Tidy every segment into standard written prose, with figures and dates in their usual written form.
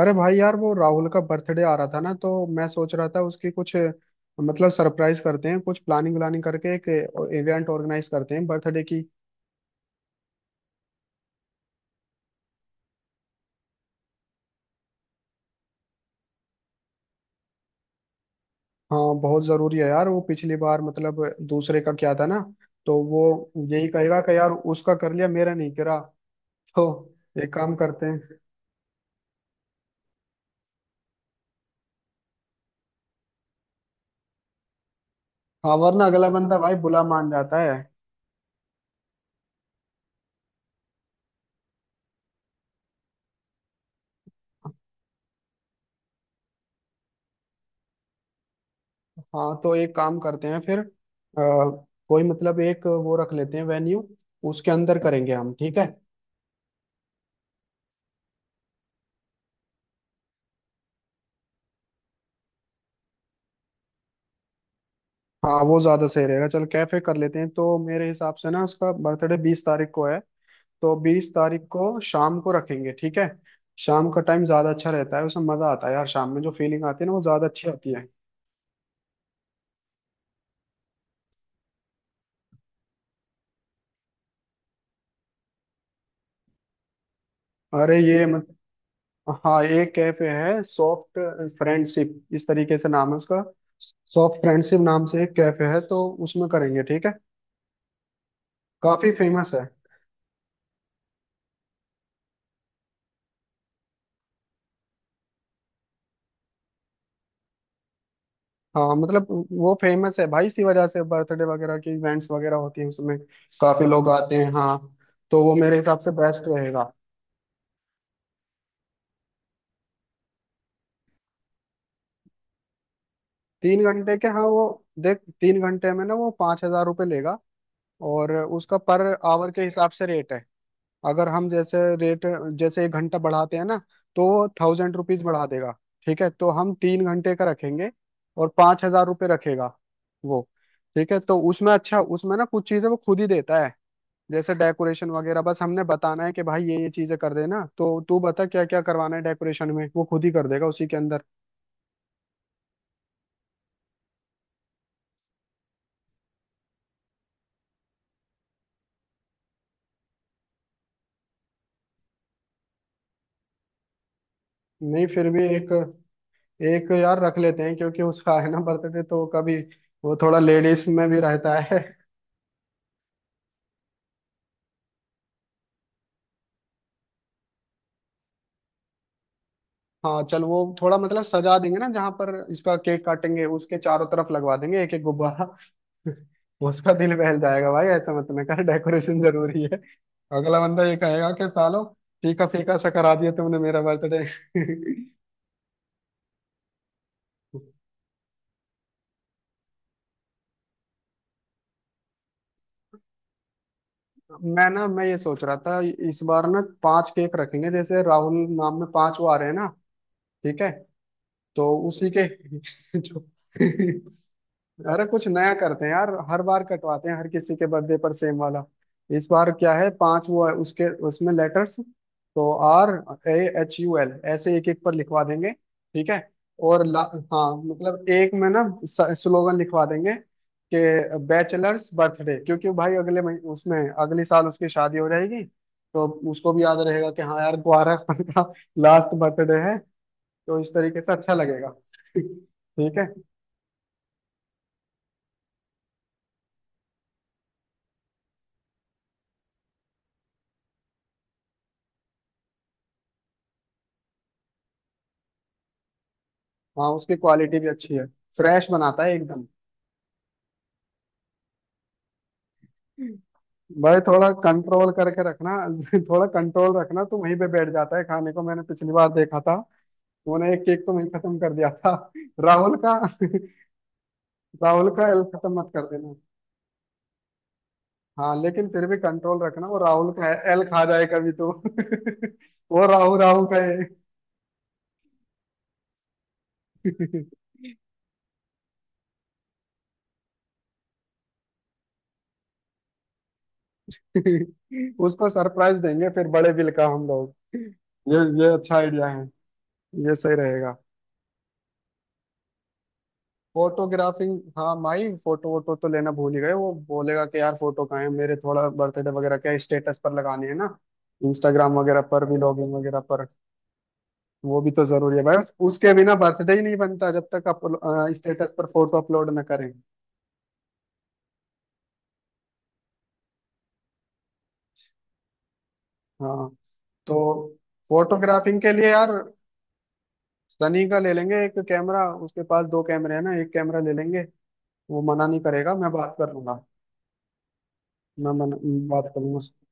अरे भाई यार वो राहुल का बर्थडे आ रहा था ना तो मैं सोच रहा था उसकी कुछ मतलब सरप्राइज करते हैं कुछ प्लानिंग व्लानिंग करके एक इवेंट ऑर्गेनाइज करते हैं बर्थडे की। हाँ बहुत जरूरी है यार वो पिछली बार मतलब दूसरे का क्या था ना तो वो यही कहेगा कि यार उसका कर लिया मेरा नहीं करा। तो एक काम करते हैं। हाँ वरना अगला बंदा भाई बुला मान जाता है। हाँ तो एक काम करते हैं फिर कोई मतलब एक वो रख लेते हैं वेन्यू। उसके अंदर करेंगे हम, ठीक है। हाँ वो ज्यादा सही रहेगा, चल कैफे कर लेते हैं। तो मेरे हिसाब से ना उसका बर्थडे 20 तारीख को है। तो 20 तारीख को शाम को रखेंगे, ठीक है। शाम का टाइम ज्यादा अच्छा रहता है, उसमें मजा आता है यार। शाम में जो फीलिंग आती है ना, वो ज्यादा अच्छी आती है। अरे ये मत। हाँ एक कैफे है, सॉफ्ट फ्रेंडशिप इस तरीके से नाम है उसका। सॉफ्ट फ्रेंडशिप नाम से एक कैफे है, तो उसमें करेंगे, ठीक है। काफी फेमस है। हाँ मतलब वो फेमस है भाई, इसी वजह से बर्थडे वगैरह के इवेंट्स वगैरह होती हैं उसमें, काफी लोग आते हैं हाँ। तो वो मेरे हिसाब से बेस्ट रहेगा। 3 घंटे के, हाँ वो देख 3 घंटे में ना वो 5,000 रुपये लेगा। और उसका पर आवर के हिसाब से रेट है। अगर हम जैसे रेट, जैसे 1 घंटा बढ़ाते हैं ना, तो वो 1,000 रुपीज बढ़ा देगा। ठीक है, तो हम 3 घंटे का रखेंगे और 5,000 रुपये रखेगा वो। ठीक है, तो उसमें अच्छा, उसमें ना कुछ चीजें वो खुद ही देता है जैसे डेकोरेशन वगैरह। बस हमने बताना है कि भाई ये चीजें कर देना। तो तू बता क्या क्या करवाना है डेकोरेशन में, वो खुद ही कर देगा उसी के अंदर। नहीं फिर भी एक एक यार रख लेते हैं, क्योंकि उसका है ना बर्थडे, तो कभी वो थोड़ा लेडीज में भी रहता है। हाँ चल वो थोड़ा मतलब सजा देंगे ना, जहाँ पर इसका केक काटेंगे उसके चारों तरफ लगवा देंगे एक एक गुब्बारा। उसका दिल बहल जाएगा भाई, ऐसा मत में कर, डेकोरेशन जरूरी है। अगला बंदा ये कहेगा कि सालो, फीका फीका सा करा दिया तुमने मेरा बर्थडे। मैं ये सोच रहा था, इस बार ना पांच केक रखेंगे। जैसे राहुल नाम में पांच वो आ रहे हैं ना, ठीक है। तो उसी के। जो अरे कुछ नया करते हैं यार, हर बार कटवाते हैं हर किसी के बर्थडे पर सेम वाला। इस बार क्या है, पांच वो है उसके, उसमें लेटर्स तो RAHUL ऐसे एक एक पर लिखवा देंगे, ठीक है। और हाँ मतलब एक में ना स्लोगन लिखवा देंगे कि बैचलर्स बर्थडे, क्योंकि भाई अगले महीने, उसमें अगले साल उसकी शादी हो जाएगी। तो उसको भी याद रहेगा कि हाँ यार ग्वारा का लास्ट बर्थडे है। तो इस तरीके से अच्छा लगेगा, ठीक है। हाँ उसकी क्वालिटी भी अच्छी है। फ्रेश बनाता है एकदम। हम्म। भाई थोड़ा कंट्रोल करके रखना। थोड़ा कंट्रोल रखना, तो वहीं पे बैठ जाता है खाने को, मैंने पिछली बार देखा था। उन्होंने एक केक तो वहीं खत्म कर दिया था राहुल का। राहुल का एल खत्म मत कर देना। हाँ लेकिन फिर भी कंट्रोल रखना, वो राहुल का एल खा जाए कभी तो। वो राहु राहु का है। उसको सरप्राइज देंगे फिर बड़े बिल का हम लोग। ये अच्छा आइडिया है। ये सही रहेगा। फोटोग्राफी। हाँ माई, फोटो वोटो तो लेना भूल ही गए। वो बोलेगा कि यार फोटो कहाँ है मेरे, थोड़ा बर्थडे वगैरह क्या स्टेटस पर लगाने हैं ना, इंस्टाग्राम वगैरह पर भी, लॉगिन वगैरह पर। वो भी तो जरूरी है भाई, उसके बिना बर्थडे ही नहीं बनता जब तक आप स्टेटस पर फोटो अपलोड ना करें। हाँ तो फोटोग्राफिंग के लिए यार, सनी का ले लेंगे एक कैमरा, उसके पास दो कैमरे हैं ना, एक कैमरा ले लेंगे। वो मना नहीं करेगा, मैं बात कर लूंगा। मैं बात करूंगा उससे।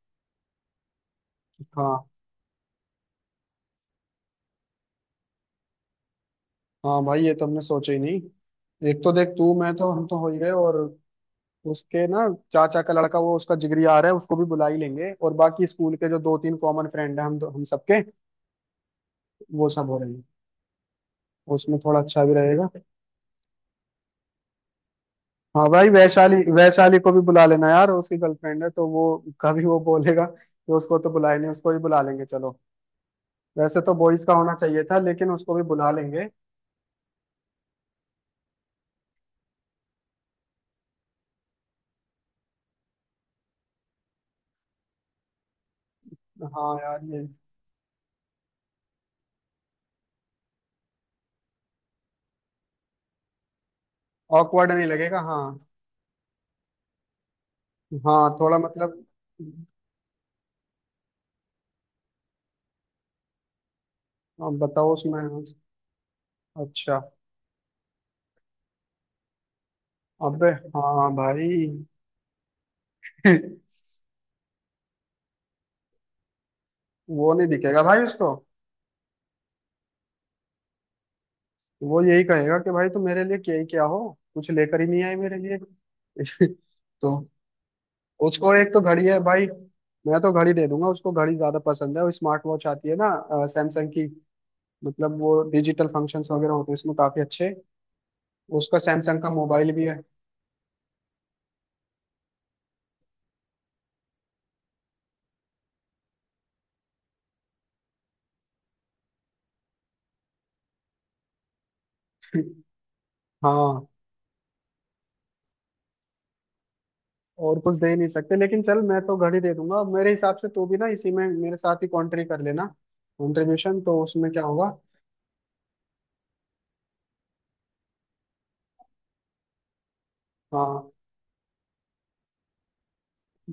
हाँ हाँ, भाई ये तो हमने सोचा ही नहीं। एक तो देख तू, मैं तो हम तो हो ही गए, और उसके ना चाचा का लड़का, वो उसका जिगरी आ रहा है, उसको भी बुला ही लेंगे। और बाकी स्कूल के जो दो तीन कॉमन फ्रेंड हैं, हम सबके वो सब हो रहे हैं। उसमें थोड़ा अच्छा भी रहेगा। हाँ भाई, वैशाली, वैशाली को भी बुला लेना यार, उसकी गर्लफ्रेंड है तो वो, कभी वो बोलेगा तो उसको तो बुलाए नहीं, उसको ही बुला लेंगे चलो। वैसे तो बॉयज का होना चाहिए था, लेकिन उसको भी बुला लेंगे। हाँ यार ये, ऑकवर्ड नहीं लगेगा हाँ। हाँ थोड़ा मतलब। अब बताओ उसमें। अच्छा। अबे। हाँ भाई। वो नहीं दिखेगा भाई उसको। वो यही कहेगा कि भाई तुम मेरे लिए क्या ही क्या हो, कुछ लेकर ही नहीं आई मेरे लिए। तो उसको एक तो घड़ी है भाई, मैं तो घड़ी दे दूंगा। उसको घड़ी ज्यादा पसंद है, वो स्मार्ट वॉच आती है ना सैमसंग की। मतलब वो डिजिटल फंक्शंस वगैरह होते हैं उसमें काफी अच्छे। उसका सैमसंग का मोबाइल भी है। हाँ और कुछ दे नहीं सकते, लेकिन चल मैं तो घड़ी दे दूंगा। मेरे हिसाब से तू भी ना इसी में मेरे साथ ही कॉन्ट्री कर लेना। कंट्रीब्यूशन तो उसमें क्या होगा। हाँ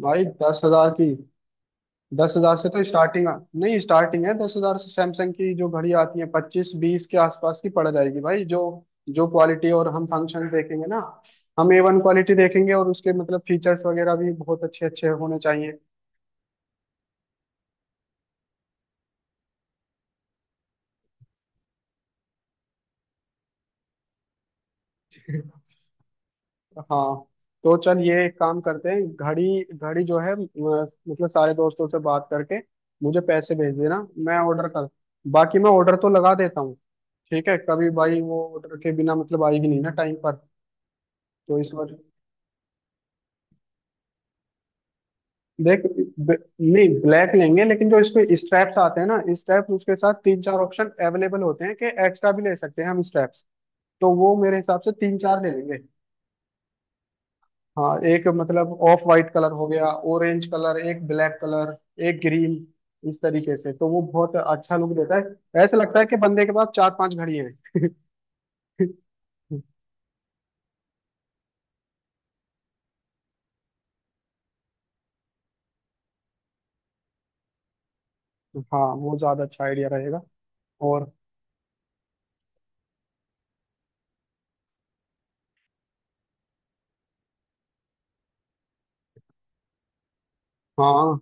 भाई, 10,000 की, 10,000 से तो स्टार्टिंग, नहीं स्टार्टिंग है 10,000 से। सैमसंग की जो घड़ी आती है 25-20 के आसपास की पड़ जाएगी भाई, जो जो क्वालिटी और हम फंक्शन देखेंगे ना, हम A1 क्वालिटी देखेंगे, और उसके मतलब फीचर्स वगैरह भी बहुत अच्छे अच्छे होने चाहिए। हाँ तो चल, ये एक काम करते हैं। घड़ी घड़ी जो है, मतलब सारे दोस्तों से बात करके मुझे पैसे भेज देना, मैं ऑर्डर कर, बाकी मैं ऑर्डर तो लगा देता हूँ, ठीक है। कभी भाई वो ऑर्डर के बिना मतलब आएगी नहीं ना टाइम पर। तो इस बार देख, ब, नहीं ब्लैक लेंगे, लेकिन जो इसके स्ट्रैप्स आते हैं ना, स्ट्रैप्स उसके साथ तीन चार ऑप्शन अवेलेबल होते हैं कि एक्स्ट्रा भी ले सकते हैं हम स्ट्रैप्स। तो वो मेरे हिसाब से तीन चार ले लेंगे। हाँ एक मतलब ऑफ वाइट कलर हो गया, ऑरेंज कलर, एक ब्लैक कलर, एक ग्रीन। इस तरीके से तो वो बहुत अच्छा लुक देता है, ऐसा लगता है कि बंदे के पास चार पांच घड़ी हैं। हाँ वो ज्यादा अच्छा आइडिया रहेगा। और। हाँ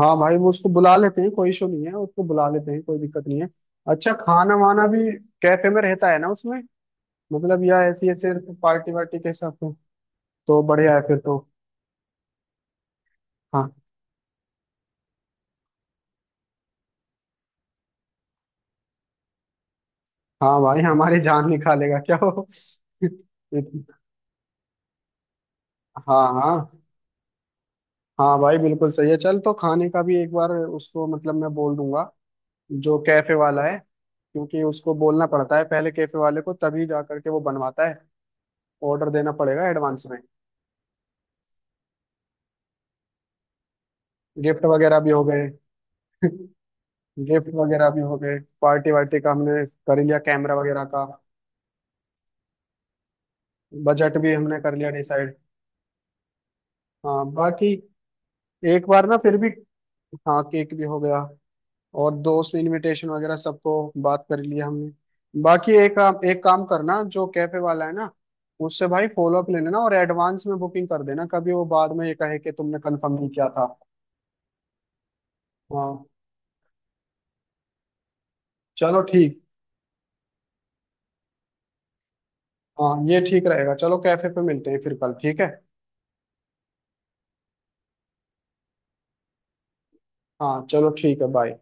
हाँ भाई वो, उसको बुला लेते हैं, कोई इशू नहीं है, उसको बुला लेते हैं, कोई दिक्कत नहीं है। अच्छा खाना वाना भी कैफे में रहता है ना उसमें, मतलब या ऐसी ऐसे पार्टी वार्टी के हिसाब से, तो बढ़िया है फिर तो। हाँ हाँ भाई हमारी जान निकालेगा क्या हो। हाँ हाँ, हाँ भाई बिल्कुल सही है। चल तो खाने का भी एक बार उसको मतलब मैं बोल दूंगा, जो कैफे वाला है, क्योंकि उसको बोलना पड़ता है पहले कैफे वाले को, तभी जा करके वो बनवाता है। ऑर्डर देना पड़ेगा एडवांस में। गिफ्ट वगैरह भी हो गए। गिफ्ट वगैरह भी हो गए, पार्टी वार्टी का हमने कर लिया, कैमरा वगैरह का, बजट भी हमने कर लिया डिसाइड। हाँ बाकी एक बार ना फिर भी। हाँ केक भी हो गया, और दोस्त इनविटेशन वगैरह सबको बात कर लिया हमने। बाकी एक काम, एक काम करना, जो कैफे वाला है ना, उससे भाई फॉलो अप ले लेना और एडवांस में बुकिंग कर देना। कभी वो बाद में ये कहे कि तुमने कंफर्म नहीं किया था। हाँ चलो ठीक। हाँ ये ठीक रहेगा, चलो कैफे पे मिलते हैं फिर कल, ठीक है। हाँ चलो ठीक है, बाय।